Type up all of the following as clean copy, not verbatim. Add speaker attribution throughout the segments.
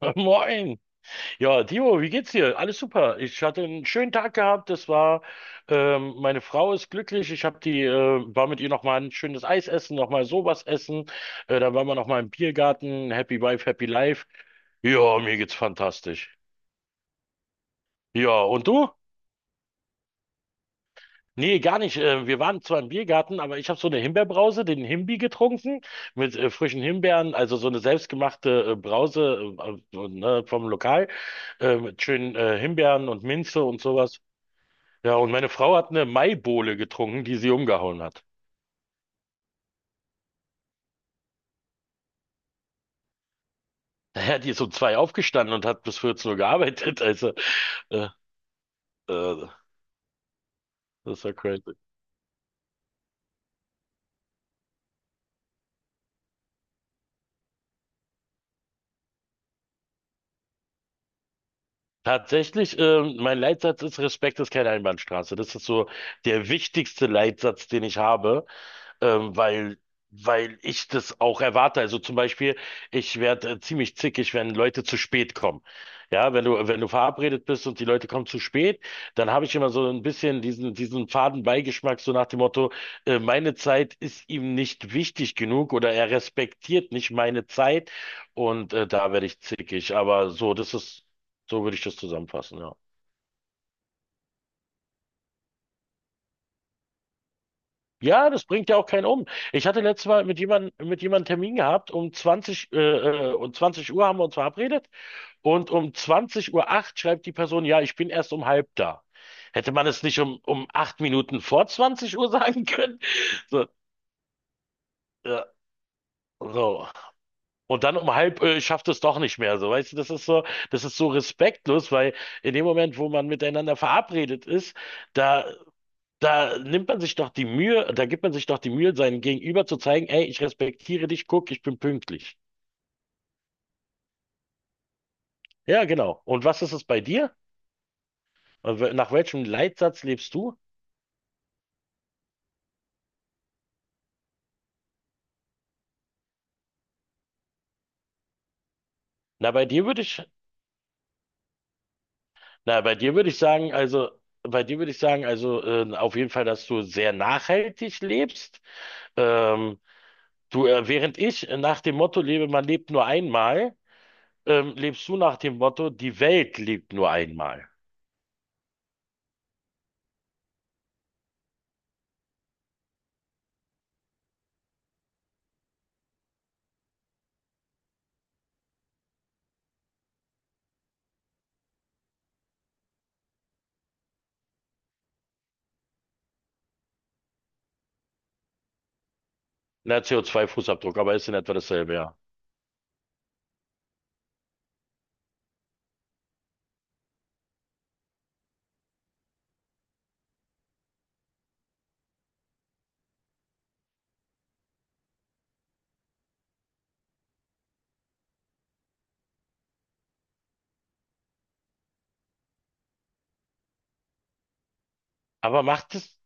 Speaker 1: Moin. Ja, Timo, wie geht's dir? Alles super. Ich hatte einen schönen Tag gehabt. Meine Frau ist glücklich. War mit ihr noch mal ein schönes Eis essen, noch mal sowas essen. Dann waren wir noch mal im Biergarten. Happy Wife, Happy Life. Ja, mir geht's fantastisch. Ja, und du? Nee, gar nicht. Wir waren zwar im Biergarten, aber ich habe so eine Himbeerbrause, den Himbi getrunken mit frischen Himbeeren, also so eine selbstgemachte Brause, ne, vom Lokal, mit schönen Himbeeren und Minze und sowas. Ja, und meine Frau hat eine Maibowle getrunken, die sie umgehauen hat. Naja, die ist um zwei aufgestanden und hat bis 14 Uhr gearbeitet. Also, äh, äh, das ist ja crazy. Tatsächlich, mein Leitsatz ist: Respekt ist keine Einbahnstraße. Das ist so der wichtigste Leitsatz, den ich habe, ähm, weil, weil ich das auch erwarte. Also zum Beispiel, ich werde ziemlich zickig, wenn Leute zu spät kommen. Ja, wenn du verabredet bist und die Leute kommen zu spät, dann habe ich immer so ein bisschen diesen faden Beigeschmack, so nach dem Motto: Meine Zeit ist ihm nicht wichtig genug, oder er respektiert nicht meine Zeit, und da werde ich zickig. Aber so, das ist so würde ich das zusammenfassen, ja. Ja, das bringt ja auch keinen um. Ich hatte letztes Mal mit jemandem Termin gehabt, um 20 Uhr haben wir uns verabredet, und um 20:08 Uhr schreibt die Person: Ja, ich bin erst um halb da. Hätte man es nicht um 8 Minuten vor 20 Uhr sagen können? So, ja, so. Und dann um halb, schafft es doch nicht mehr. So, weißt du, das ist so respektlos, weil in dem Moment, wo man miteinander verabredet ist, da Da nimmt man sich doch die Mühe, da gibt man sich doch die Mühe, seinem Gegenüber zu zeigen: Ey, ich respektiere dich, guck, ich bin pünktlich. Ja, genau. Und was ist es bei dir? Nach welchem Leitsatz lebst du? Na, bei dir würde ich sagen, also, auf jeden Fall, dass du sehr nachhaltig lebst. Ähm, Während ich nach dem Motto lebe, man lebt nur einmal, lebst du nach dem Motto, die Welt lebt nur einmal. Na, CO2-Fußabdruck, aber ist in etwa dasselbe, ja. Aber macht es,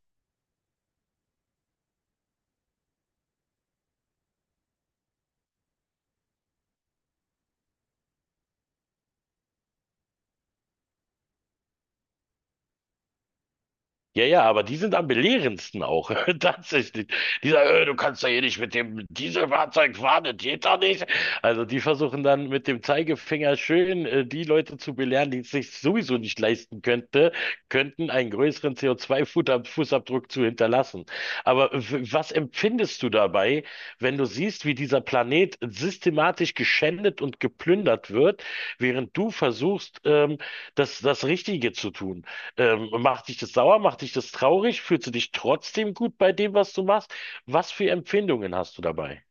Speaker 1: Ja, ja, aber die sind am belehrendsten auch. Tatsächlich. Du kannst ja hier nicht mit dem Dieselfahrzeug fahren, das geht doch nicht. Also die versuchen dann mit dem Zeigefinger schön die Leute zu belehren, die es sich sowieso nicht leisten könnten, einen größeren CO2-Fußabdruck zu hinterlassen. Aber was empfindest du dabei, wenn du siehst, wie dieser Planet systematisch geschändet und geplündert wird, während du versuchst, das Richtige zu tun? Macht dich das sauer? Macht dich das traurig? Fühlst du dich trotzdem gut bei dem, was du machst? Was für Empfindungen hast du dabei?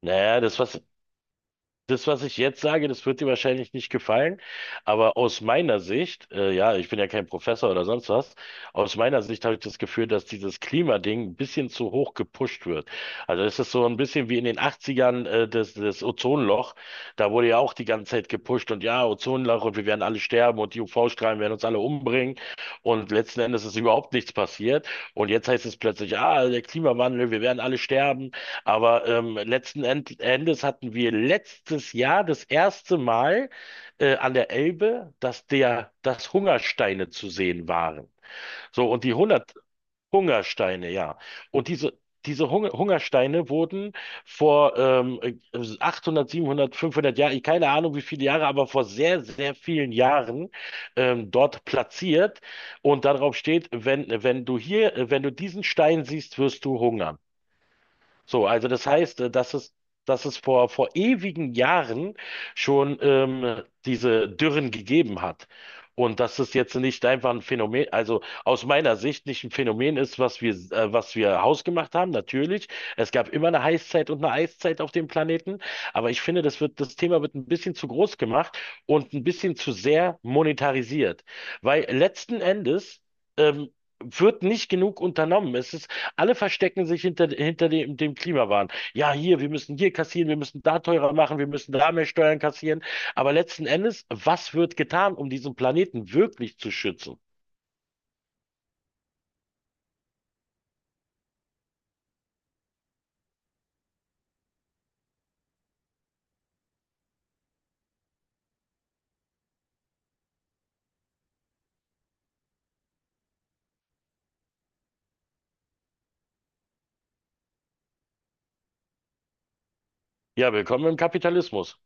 Speaker 1: Naja, das, was ich jetzt sage, das wird dir wahrscheinlich nicht gefallen, aber aus meiner Sicht, ja, ich bin ja kein Professor oder sonst was, aus meiner Sicht habe ich das Gefühl, dass dieses Klimading ein bisschen zu hoch gepusht wird. Also es ist so ein bisschen wie in den 80ern, das Ozonloch. Da wurde ja auch die ganze Zeit gepusht, und ja, Ozonloch, und wir werden alle sterben, und die UV-Strahlen werden uns alle umbringen, und letzten Endes ist überhaupt nichts passiert. Und jetzt heißt es plötzlich: Ah, der Klimawandel, wir werden alle sterben. Aber letzten Endes hatten wir letztes Jahr das erste Mal an der Elbe, dass Hungersteine zu sehen waren. So, und die hundert Hungersteine, ja. Und diese Hungersteine wurden vor 800, 700, 500 Jahren, ich keine Ahnung wie viele Jahre, aber vor sehr, sehr vielen Jahren dort platziert. Und darauf steht: Wenn du diesen Stein siehst, wirst du hungern. So, also das heißt, dass es vor ewigen Jahren schon diese Dürren gegeben hat. Und dass es jetzt nicht einfach ein Phänomen, also aus meiner Sicht nicht ein Phänomen ist, was wir hausgemacht haben, natürlich. Es gab immer eine Heißzeit und eine Eiszeit auf dem Planeten. Aber ich finde, das Thema wird ein bisschen zu groß gemacht und ein bisschen zu sehr monetarisiert. Weil letzten Endes, ähm, wird nicht genug unternommen. Es ist Alle verstecken sich hinter dem Klimawahn. Ja, hier: Wir müssen hier kassieren, wir müssen da teurer machen, wir müssen da mehr Steuern kassieren. Aber letzten Endes, was wird getan, um diesen Planeten wirklich zu schützen? Ja, willkommen im Kapitalismus.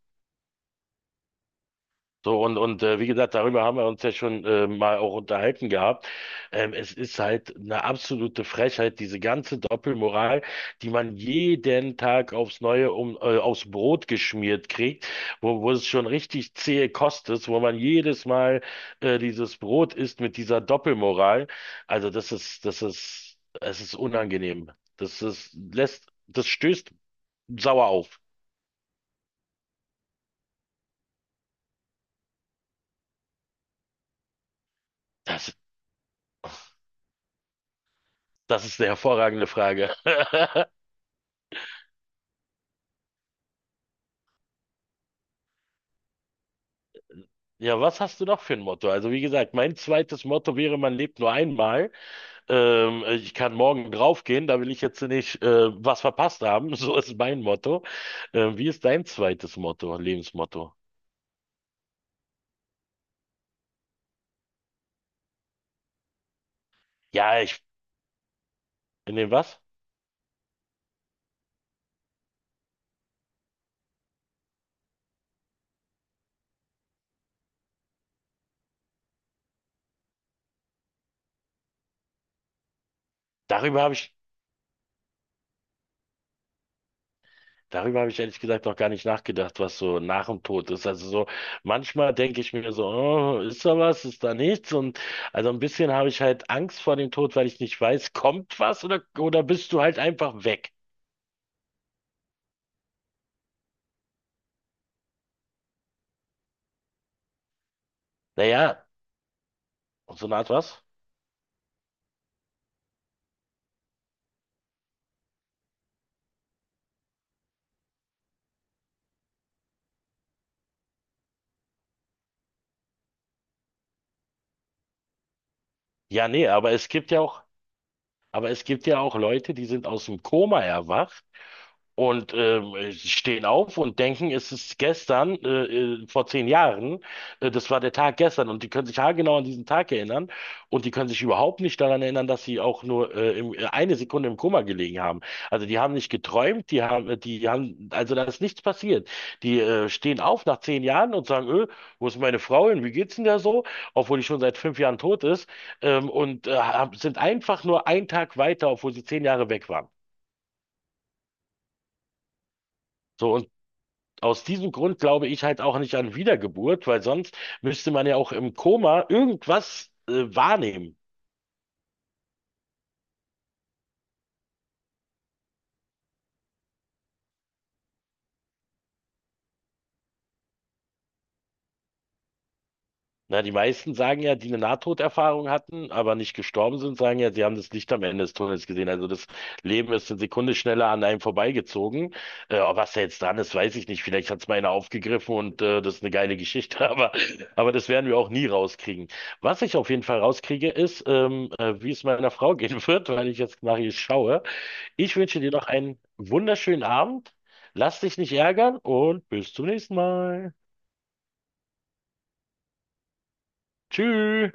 Speaker 1: So, wie gesagt, darüber haben wir uns ja schon mal auch unterhalten gehabt. Es ist halt eine absolute Frechheit, diese ganze Doppelmoral, die man jeden Tag aufs Neue aufs Brot geschmiert kriegt, wo es schon richtig zähe Kost ist, wo man jedes Mal dieses Brot isst mit dieser Doppelmoral. Also es ist unangenehm. Das stößt sauer auf. Das, das ist eine hervorragende Frage. Ja, was hast du noch für ein Motto? Also wie gesagt, mein zweites Motto wäre: Man lebt nur einmal. Ich kann morgen draufgehen, da will ich jetzt nicht was verpasst haben. So ist mein Motto. Wie ist dein zweites Motto, Lebensmotto? Ja, in dem was? Darüber habe ich, darüber habe ich ehrlich gesagt noch gar nicht nachgedacht, was so nach dem Tod ist. Also so, manchmal denke ich mir so: Oh, ist da was, ist da nichts? Und also ein bisschen habe ich halt Angst vor dem Tod, weil ich nicht weiß, kommt was, oder bist du halt einfach weg? Naja. Und so eine Art was? Ja, nee, aber es gibt ja auch Leute, die sind aus dem Koma erwacht. Und sie stehen auf und denken, es ist gestern, vor 10 Jahren, das war der Tag gestern. Und die können sich haargenau an diesen Tag erinnern. Und die können sich überhaupt nicht daran erinnern, dass sie auch nur eine Sekunde im Koma gelegen haben. Also die haben nicht geträumt, die haben, also da ist nichts passiert. Die stehen auf nach 10 Jahren und sagen: Öh, wo ist meine Frau hin? Wie geht's denn da so? Obwohl die schon seit 5 Jahren tot ist. Sind einfach nur einen Tag weiter, obwohl sie 10 Jahre weg waren. So, und aus diesem Grund glaube ich halt auch nicht an Wiedergeburt, weil sonst müsste man ja auch im Koma irgendwas wahrnehmen. Na, die meisten, sagen ja, die eine Nahtoderfahrung hatten, aber nicht gestorben sind, sagen ja, sie haben das Licht am Ende des Tunnels gesehen. Also das Leben ist eine Sekunde schneller an einem vorbeigezogen. Ob was da jetzt dran ist, weiß ich nicht. Vielleicht hat es mal einer aufgegriffen und das ist eine geile Geschichte, aber das werden wir auch nie rauskriegen. Was ich auf jeden Fall rauskriege, ist, wie es meiner Frau gehen wird, weil ich jetzt nach ihr schaue. Ich wünsche dir noch einen wunderschönen Abend. Lass dich nicht ärgern, und bis zum nächsten Mal. Tschüss.